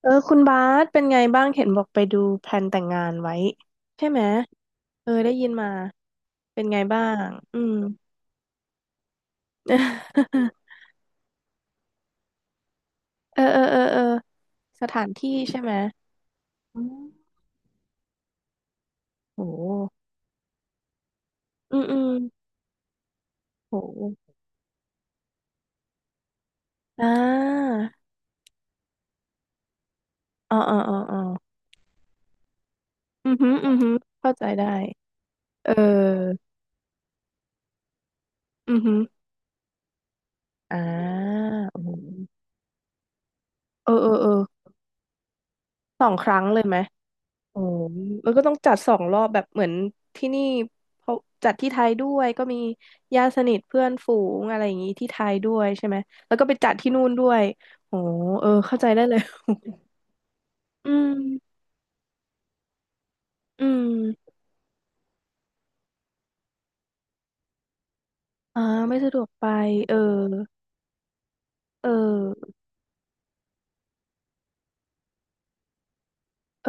เออคุณบาสเป็นไงบ้างเห็นบอกไปดูแพลนแต่งงานไว้ใช่ไหมเออได้ยินมาเป็นไงบ้างอืม เออเออเออเออสถานที่ใช่ไหมอืมโหอืมอืมโหอ่าอ๋ออ๋ออ๋ออ๋ออือหืออือหือเข้าใจได้เอออือหืออ่าโอ้โหเออเออเออสองครั้งเลยไหม โอ๋อมันก็ต้องจัดสองรอบแบบเหมือนที่นี่เขาจัดที่ไทยด้วยก็มีญาติสนิทเพื่อนฝูงอะไรอย่างงี้ที่ไทยด้วยใช่ไหมแล้วก็ไปจัดที่นู่นด้วยโอ้เออเข้าใจได้เลย อืมอืมอ่าไม่สะดวกไปเออเออเออ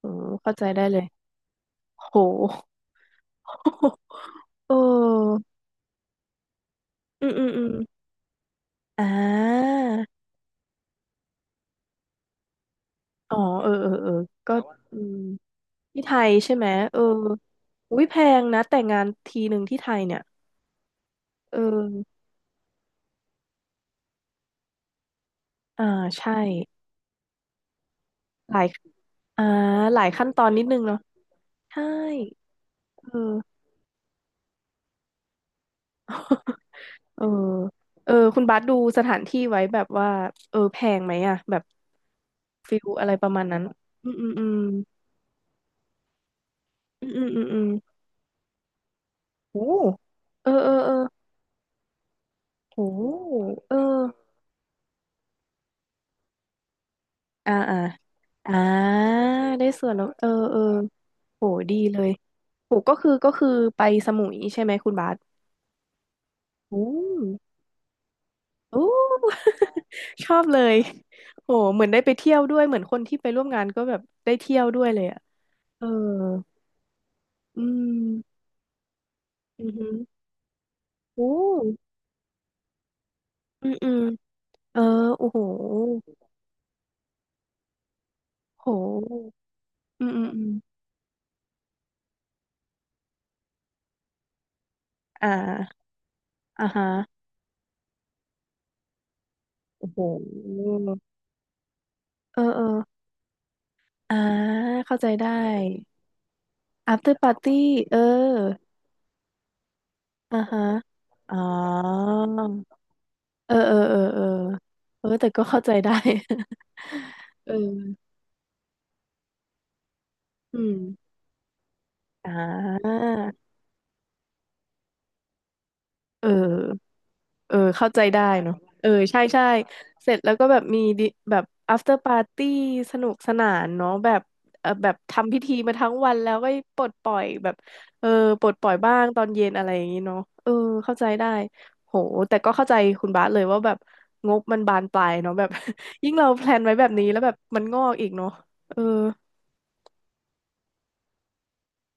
โอ้เข้าใจได้เลยโห เอออืมอืมอืมอ่าอ๋อเออเออเออก็อืม ที่ไทยใช่ไหมเอออุ้ยแพงนะแต่งานทีหนึ่งที่ไทยเนี่ยเอออ่าใช่หลายอ่าหลายขั้นตอนนิดนึงเนาะใช่เออเออเออคุณบาสดูสถานที่ไว้แบบว่าเออแพงไหมอะแบบฟิลอะไรประมาณนั้นอืมอืมอืมอืมอืมอืมอืมโอ้เออเออเออโหเอออ่าอ่าอ่าได้ส่วนแล้วเออเออ โหดีเลยโหก็คือก็คือไปสมุยใช่ไหมคุณบาสอืมโอ้ ชอบเลยโหเหมือนได้ไปเที่ยวด้วยเหมือนคนที่ไปร่วมงานก็แบบได้เที่ยวด้วยเลยอ่ะเอออืมอือหือโอ้อืมอืมเออโอ้โหโหอืมอืมอืมอ่าอ่าฮะโอ้โหเออเอออ่าเข้าใจได้ after party เอออ่าฮะอ๋อ เออเออเออเออเออแต่ก็เข้าใจได้ เอออืมอ่าเออเออเข้าใจได้เนาะเออใช่ใช่เสร็จแล้วก็แบบมีดิแบบ after party สนุกสนานเนาะแบบเออแบบทำพิธีมาทั้งวันแล้วก็ปลดปล่อยแบบเออปลดปล่อยบ้างตอนเย็นอะไรอย่างนี้เนาะเออเข้าใจได้โหแต่ก็เข้าใจคุณบาสเลยว่าแบบงบมันบานปลายเนาะแบบ ยิ่งเราแพลนไว้แบบนี้แล้วแบบมันงอกอีกเนาะเออ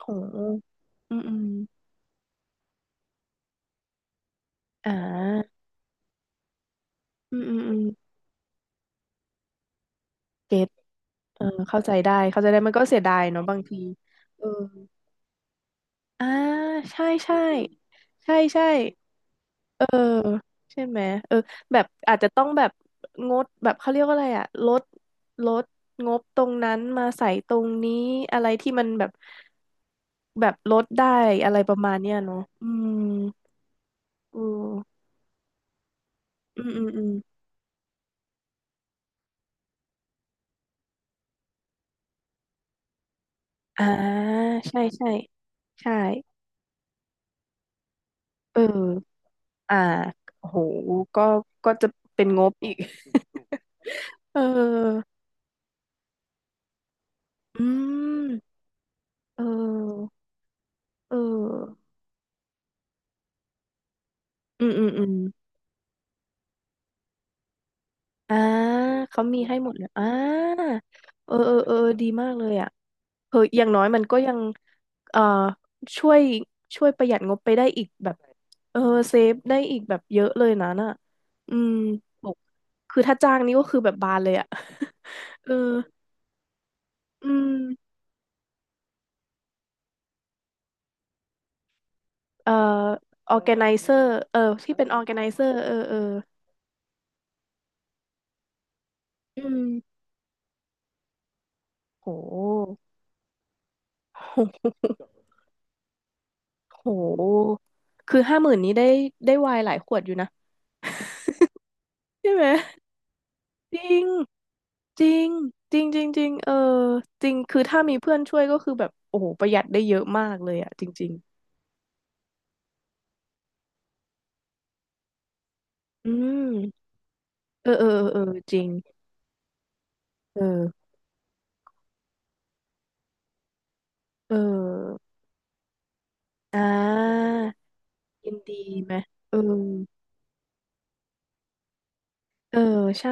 ของอืมอืมอ่าอืมอืมอืมเก็ตเออเข้าใจได้เข้าใจได้มันก็เสียดายเนาะบางทีเอออ่าใช่ใช่ใช่ใช่เออใช่ไหมเออแบบอาจจะต้องแบบงดแบบเขาเรียกว่าอะไรอะลดลดงบตรงนั้นมาใส่ตรงนี้อะไรที่มันแบบแบบลดได้อะไรประมาณเนี้ยเนาะอืมอืออืมอืมอืมอ่าใช่ใช่ใช่เออ อ่าโหก็ก็จะเป็นงบอีก เอออืมเออเอออืมอืมอืมอ่าเขามีให้หมดเลยอ่าเออเออเออดีมากเลยอ่ะเอออย่างน้อยมันก็ยังเอ่อช่วยช่วยประหยัดงบไปได้อีกแบบเออเซฟได้อีกแบบเยอะเลยนะน่ะอืมโอ้คือถ้าจ้างนี่ก็คือแบบบานเลยอ่ะ เอออืม เอ่อออร์แกไนเซอร์เออที่เป็นออร์แกไนเซอร์เออเอออืมโหโหโหคือห้าหมื่นนี้ได้ได้ไวน์หลายขวดอยู่นะใช่ไหมจริงจริงจริงจริงจริงเออจริงคือถ้ามีเพื่อนช่วยก็คือแบบโอ้โหประหยัดได้เยอะมากเลยอะจริงๆอืมเออเออเออเออจริงเออเอออ่ายินดีไหมเออเออใช่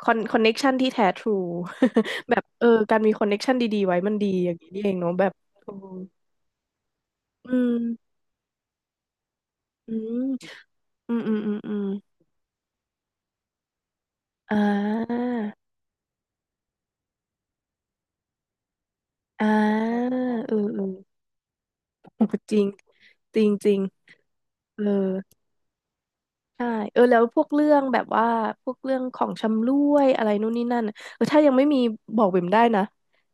คอนคอนเน็กชันที่แท้ทรู แบบเออการมีคอนเน็กชันดีๆไว้มันดีอย่างนี้นี่เองเนาะแบบโออืมอืมอืมอืมอืมอืมอ่าอ่าเออเออจริงจริงจริงเออ ใช่เออแล้วพวกเรื่องแบบว่าพวกเรื่องของชำร่วยอะไรนู่นนี่นั่นน่ะเออถ้ายังไม่มีบอกบิ่มได้นะ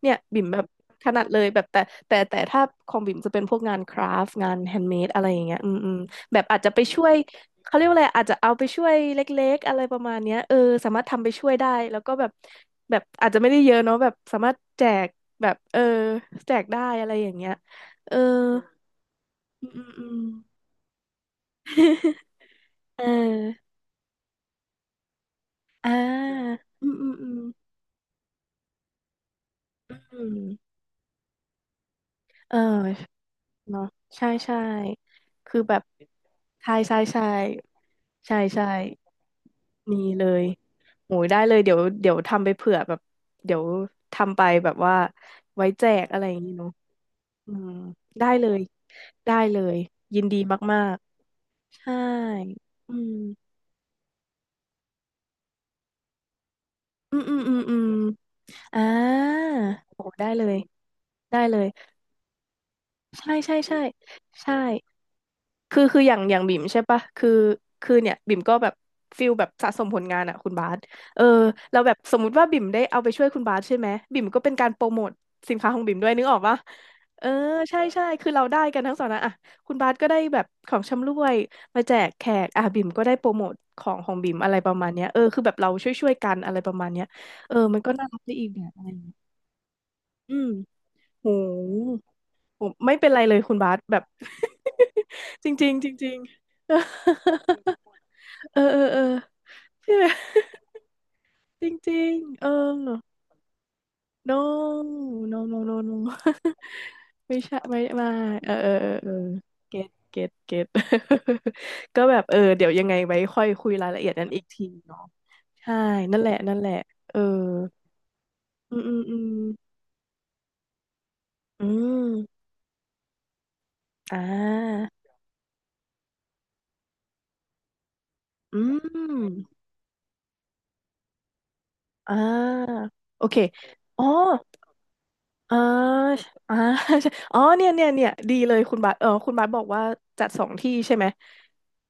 เนี่ยบิ่มแบบถนัดเลยแบบแต่แต่ถ้าของบิ่มจะเป็นพวกงานคราฟต์งานแฮนด์เมดอะไรอย่างเงี้ยอืมอืมแบบอาจจะไปช่วยเขาเรียกว่าอะไรอาจจะเอาไปช่วยเล็กๆอะไรประมาณเนี้ยเออสามารถทำไปช่วยได้แล้วก็แบบแบบอาจจะไม่ได้เยอะเนาะแบบสามารถแจกแบบเออแจกได้อะไรอย่างเงี้ยเอออืมอืมอืม เอออ่าอืมอืมอืม อืมเออเนาะใช่ใช่คือแบบใช่ใช่ใช่ใช่ใช่มีเลยโหยได้เลยเดี๋ยวเดี๋ยวทำไปเผื่อแบบเดี๋ยวทำไปแบบว่าไว้แจกอะไรอย่างนี้เนาะอืมได้เลยได้เลยยินดีมากๆใช่อืมอืมอืมอืมอืมอ่าโหได้เลยได้เลยใช่ใช่ใช่ใช่ คืออย่างบิ่มใช่ปะคือคือเนี่ยบิ่มก็แบบฟิลแบบสะสมผลงานอะคุณบาสเออแล้วแบบสมมุติว่าบิ่มได้เอาไปช่วยคุณบาสใช่ไหมบิ่มก็เป็นการโปรโมทสินค้าของบิ่มด้วยนึกออกปะเออใช่ใช่คือเราได้กันทั้งสองนะอะคุณบาสก็ได้แบบของชำร่วยมาแจกแขกอ่ะบิ่มก็ได้โปรโมทของบิ่มอะไรประมาณเนี้ยเออคือแบบเราช่วยช่วยกันอะไรประมาณเนี้ยเออมันก็น่ารักได้อีกแบบอะไรอย่างเงี้ยอืมโห ผมไม่เป็นไรเลยคุณบาสแบบ จริงๆจริงๆ เออเออเออ ใช่ไหมจริงๆเออ no no no no no ไม่ใช่ไม่ไม่เออเออเออเออเก็ตเก็ ตเก็ต ก็แบบเออเดี๋ยวยังไงไว้ค่อยคุยรายละเอียดนั้นอีกทีเนาะใช่นั่นแหละนั่นแหละเอออืมอืมอืมอืมอ่าอืมอ่าโอเคอ๋อ อ่าอ่า ใช่อ๋อเนี่ยเนี่ยเนี่ยดีเลยคุณบาสเออคุณบาสบอกว่าจัดสองที่ใช่ไหม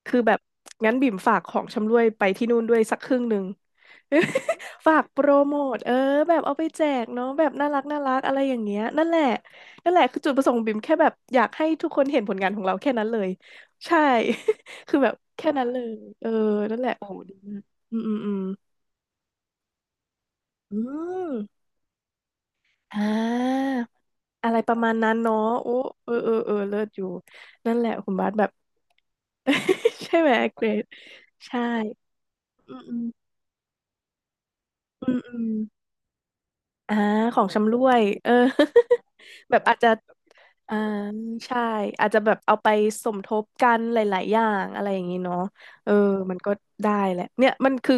คือแบบงั้นบิ่มฝากของชำร่วยไปที่นู่นด้วยสักครึ่งหนึ่ง ฝากโปรโมทเออแบบเอาไปแจกเนาะแบบน่ารักน่ารักอะไรอย่างเงี้ยนั่นแหละนั่นแหละคือจุดประสงค์ของบิ่มแค่แบบอยากให้ทุกคนเห็นผลงานของเราแค่นั้นเลยใช่ คือแบบแค่นั้นเลยเออนั่นแหละโอ้ดีมากอืมอืมอืมอืมอ่า อะไรประมาณนั้นเนาะโอ้เออเออเออเลิศอยู่นั่นแหละคุณบาสแบบ ใช่ไหมเกรดใช่อืมอืมอืมอมอ่าของชำร่วยเออ แบบอาจจะอ่าใช่อาจจะแบบเอาไปสมทบกันหลายๆอย่างอะไรอย่างนี้เนาะเออมันก็ได้แหละเนี่ยมันคือ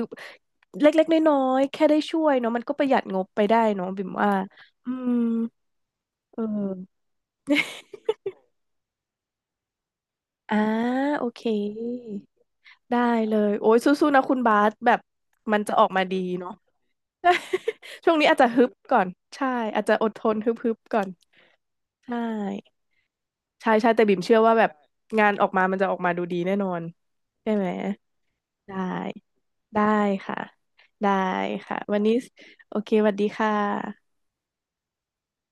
เล็กๆน้อยๆแค่ได้ช่วยเนาะมันก็ประหยัดงบไปได้เนาะบิ่มว่าอืมเอออ่าโอเค ได้เลยโอ้ยสู้ๆนะคุณบาสแบบมันจะออกมาดีเนาะ ช่วงนี้อาจจะฮึบก่อนใช่อาจจะอดทนฮึบๆก่อนใช่ใช่ใช่แต่บิ่มเชื่อว่าแบบงานออกมามันจะออกมาดูดีแน่นอนใช่ไหมได้ได้ค่ะได้ค่ะวันนี้โอเคสวัสดีค่ะ